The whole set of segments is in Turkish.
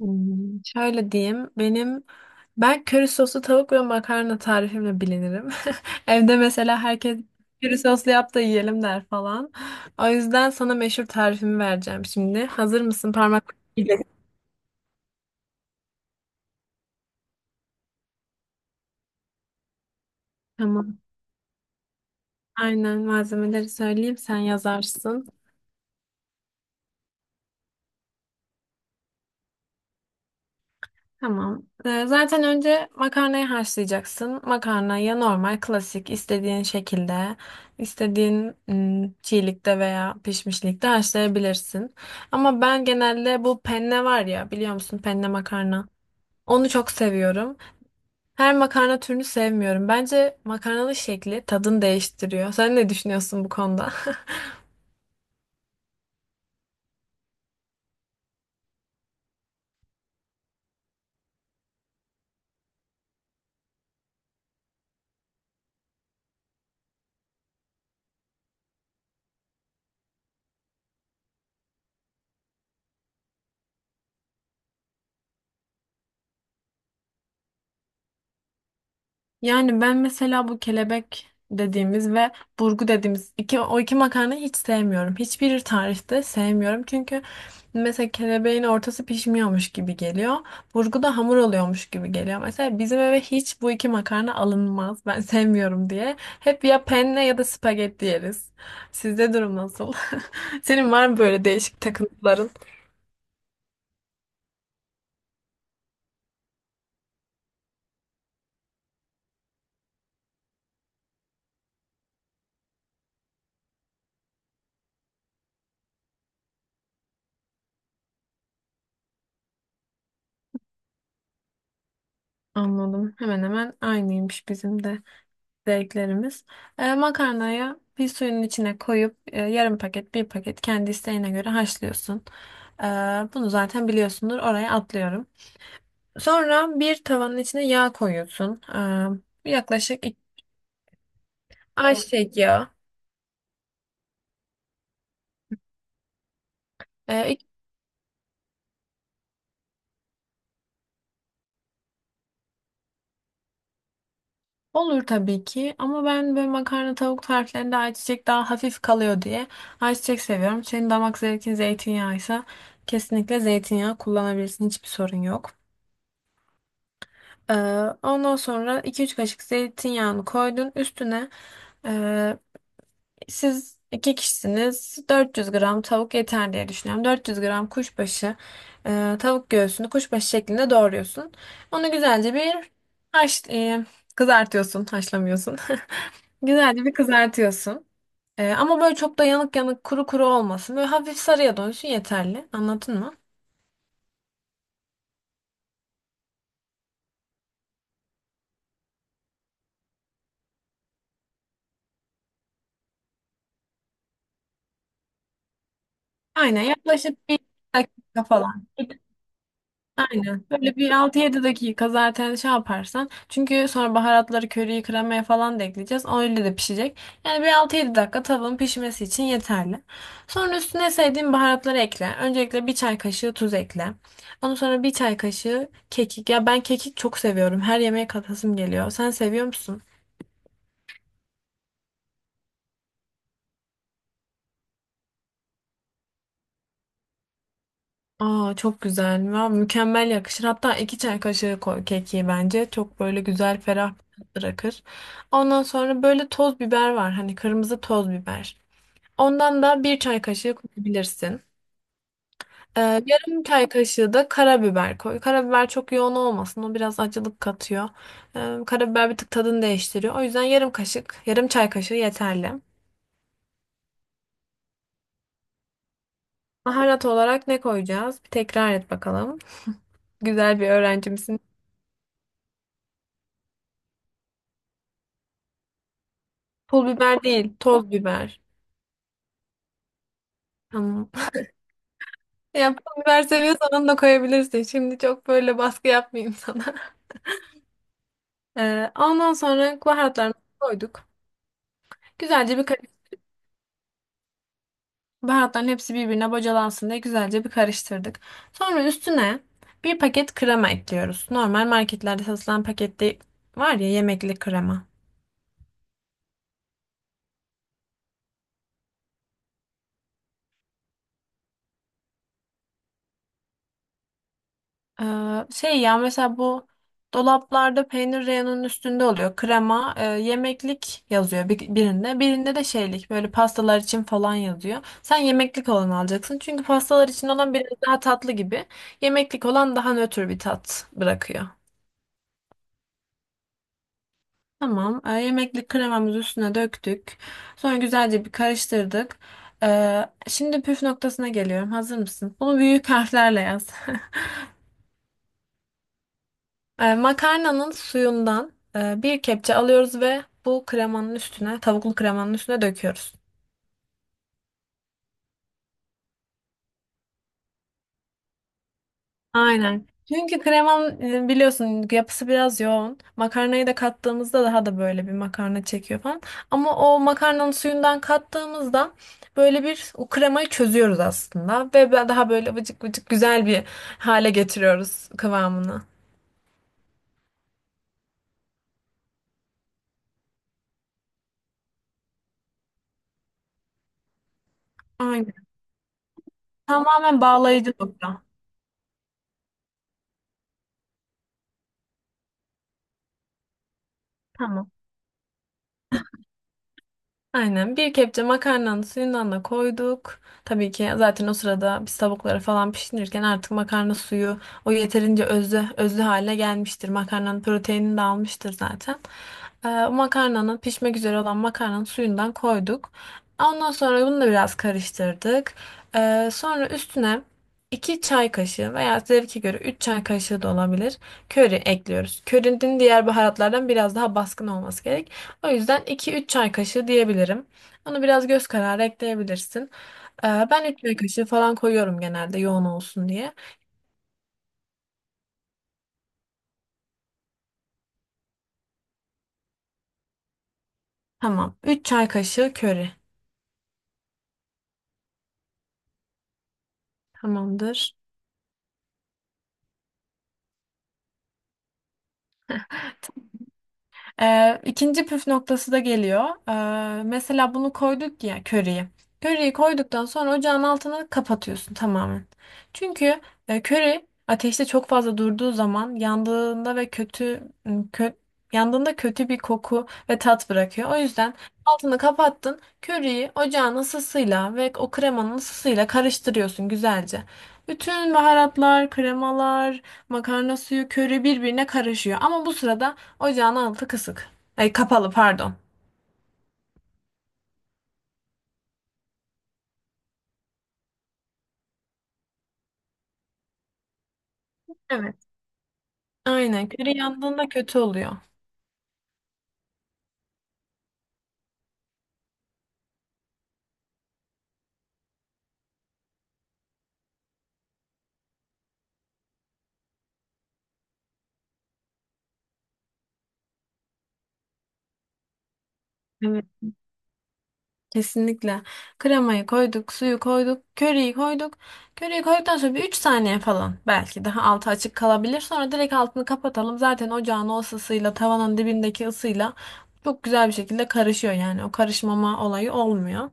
Şöyle diyeyim. Ben köri soslu tavuk ve makarna tarifimle bilinirim. Evde mesela herkes köri soslu yap da yiyelim der falan. O yüzden sana meşhur tarifimi vereceğim şimdi. Hazır mısın? Parmak Tamam. Aynen malzemeleri söyleyeyim sen yazarsın. Tamam. Zaten önce makarnayı haşlayacaksın. Makarna ya normal, klasik, istediğin şekilde, istediğin çiğlikte veya pişmişlikte haşlayabilirsin. Ama ben genelde bu penne var ya, biliyor musun penne makarna? Onu çok seviyorum. Her makarna türünü sevmiyorum. Bence makarnalı şekli tadını değiştiriyor. Sen ne düşünüyorsun bu konuda? Yani ben mesela bu kelebek dediğimiz ve burgu dediğimiz o iki makarnayı hiç sevmiyorum. Hiçbir tarifte sevmiyorum. Çünkü mesela kelebeğin ortası pişmiyormuş gibi geliyor. Burgu da hamur oluyormuş gibi geliyor. Mesela bizim eve hiç bu iki makarna alınmaz. Ben sevmiyorum diye. Hep ya penne ya da spagetti yeriz. Sizde durum nasıl? Senin var mı böyle değişik takıntıların? Anladım. Hemen hemen aynıymış bizim de zevklerimiz. Makarnayı bir suyun içine koyup yarım paket bir paket kendi isteğine göre haşlıyorsun. E, Bunu zaten biliyorsundur, oraya atlıyorum. Sonra bir tavanın içine yağ koyuyorsun. Yaklaşık iki, ayçiçek yağı. E, iki- olur tabii ki ama ben böyle makarna tavuk tariflerinde ayçiçek daha hafif kalıyor diye ayçiçek seviyorum. Senin damak zevkin zeytinyağıysa kesinlikle zeytinyağı kullanabilirsin, hiçbir sorun yok. Ee, Ondan sonra iki üç kaşık zeytinyağını koydun üstüne. Ee, Siz iki kişisiniz. 400 gram tavuk yeter diye düşünüyorum. 400 gram kuşbaşı, tavuk göğsünü kuşbaşı şeklinde doğruyorsun. Onu güzelce bir haş, e, kızartıyorsun, haşlamıyorsun. Güzelce bir kızartıyorsun. Ama böyle çok da yanık yanık kuru kuru olmasın. Böyle hafif sarıya dönsün, yeterli. Anladın mı? Aynen, yaklaşık bir dakika falan. Aynen. Böyle bir altı yedi dakika zaten şey yaparsan. Çünkü sonra baharatları, köriyi, kremaya falan da ekleyeceğiz. O öyle de pişecek. Yani bir altı yedi dakika tavanın pişmesi için yeterli. Sonra üstüne sevdiğin baharatları ekle. Öncelikle bir çay kaşığı tuz ekle. Ondan sonra bir çay kaşığı kekik. Ya ben kekik çok seviyorum. Her yemeğe katasım geliyor. Sen seviyor musun? Aa, çok güzel. Ya, mükemmel yakışır. Hatta iki çay kaşığı koy kekiği bence. Çok böyle güzel ferah bir tat bırakır. Ondan sonra böyle toz biber var. Hani kırmızı toz biber. Ondan da bir çay kaşığı koyabilirsin. Ee, Yarım çay kaşığı da karabiber koy. Karabiber çok yoğun olmasın. O biraz acılık katıyor. Karabiber bir tık tadını değiştiriyor. O yüzden yarım kaşık, yarım çay kaşığı yeterli. Baharat olarak ne koyacağız? Bir tekrar et bakalım. Güzel bir öğrencimsin. Pul biber değil, toz biber. Tamam. Ya biber seviyorsan onu da koyabilirsin. Şimdi çok böyle baskı yapmayayım sana. Ondan sonra baharatlarını koyduk. Güzelce bir karış- Baharatların hepsi birbirine bocalansın diye güzelce bir karıştırdık. Sonra üstüne bir paket krema ekliyoruz. Normal marketlerde satılan pakette var ya yemekli krema. Şey ya, mesela bu dolaplarda peynir reyonunun üstünde oluyor. Krema, yemeklik yazıyor birinde. Birinde de şeylik böyle pastalar için falan yazıyor. Sen yemeklik olanı alacaksın. Çünkü pastalar için olan biraz daha tatlı gibi. Yemeklik olan daha nötr bir tat bırakıyor. Tamam. Yemeklik kremamızı üstüne döktük. Sonra güzelce bir karıştırdık. Şimdi püf noktasına geliyorum. Hazır mısın? Bunu büyük harflerle yaz. Makarnanın suyundan bir kepçe alıyoruz ve bu kremanın üstüne, tavuklu kremanın üstüne döküyoruz. Aynen. Çünkü kremanın biliyorsun yapısı biraz yoğun. Makarnayı da kattığımızda daha da böyle bir makarna çekiyor falan. Ama o makarnanın suyundan kattığımızda böyle bir o kremayı çözüyoruz aslında. Daha böyle vıcık vıcık güzel bir hale getiriyoruz kıvamını. Aynen. Tamamen bağlayıcı nokta. Tamam. Aynen, bir kepçe makarnanın suyundan da koyduk. Tabii ki zaten o sırada biz tavukları falan pişirirken artık makarna suyu o yeterince özlü, özlü hale gelmiştir. Makarnanın proteinini de almıştır zaten. O makarnanın, pişmek üzere olan makarnanın suyundan koyduk. Ondan sonra bunu da biraz karıştırdık. Sonra üstüne 2 çay kaşığı veya zevke göre 3 çay kaşığı da olabilir. Köri ekliyoruz. Körinin diğer baharatlardan biraz daha baskın olması gerekiyor. O yüzden iki üç çay kaşığı diyebilirim. Onu biraz göz kararı ekleyebilirsin. Ben 3 çay kaşığı falan koyuyorum genelde yoğun olsun diye. Tamam. Üç çay kaşığı köri. Tamamdır. İkinci püf noktası da geliyor. Mesela bunu koyduk ya, köriyi. Köriyi koyduktan sonra ocağın altını kapatıyorsun tamamen. Çünkü köri ateşte çok fazla durduğu zaman yandığında ve yandığında kötü bir koku ve tat bırakıyor. O yüzden altını kapattın. Köriyi ocağın ısısıyla ve o kremanın ısısıyla karıştırıyorsun güzelce. Bütün baharatlar, kremalar, makarna suyu, köri birbirine karışıyor. Ama bu sırada ocağın altı kısık. Ay, kapalı, pardon. Evet. Aynen. Köri yandığında kötü oluyor. Evet. Kesinlikle. Kremayı koyduk, suyu koyduk, köriyi koyduk. Köriyi koyduktan sonra bir 3 saniye falan belki daha altı açık kalabilir. Sonra direkt altını kapatalım. Zaten ocağın o ısısıyla, tavanın dibindeki ısıyla çok güzel bir şekilde karışıyor yani. O karışmama olayı olmuyor.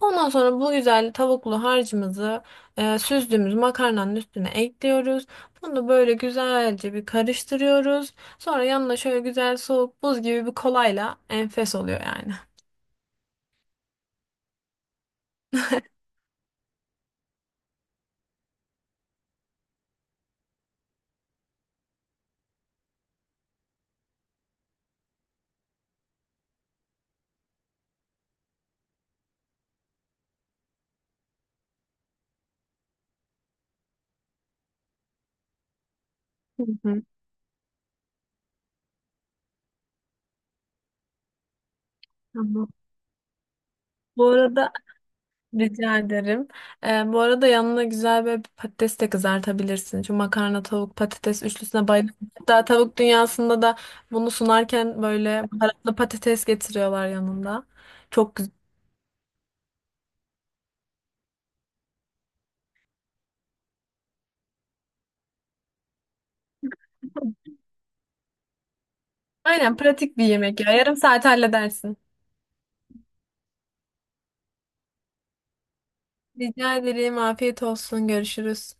Ondan sonra bu güzel tavuklu harcımızı süzdüğümüz makarnanın üstüne ekliyoruz. Bunu böyle güzelce bir karıştırıyoruz. Sonra yanına şöyle güzel soğuk buz gibi bir kolayla enfes oluyor yani. Hı hı, tamam. Bu arada rica ederim. Bu arada yanına güzel bir patates de kızartabilirsin. Şu makarna, tavuk, patates üçlüsüne bayılıyorum. Hatta tavuk dünyasında da bunu sunarken böyle baharatlı patates getiriyorlar yanında. Çok güzel. Aynen, pratik bir yemek ya. Yarım saat halledersin. Rica ederim. Afiyet olsun. Görüşürüz.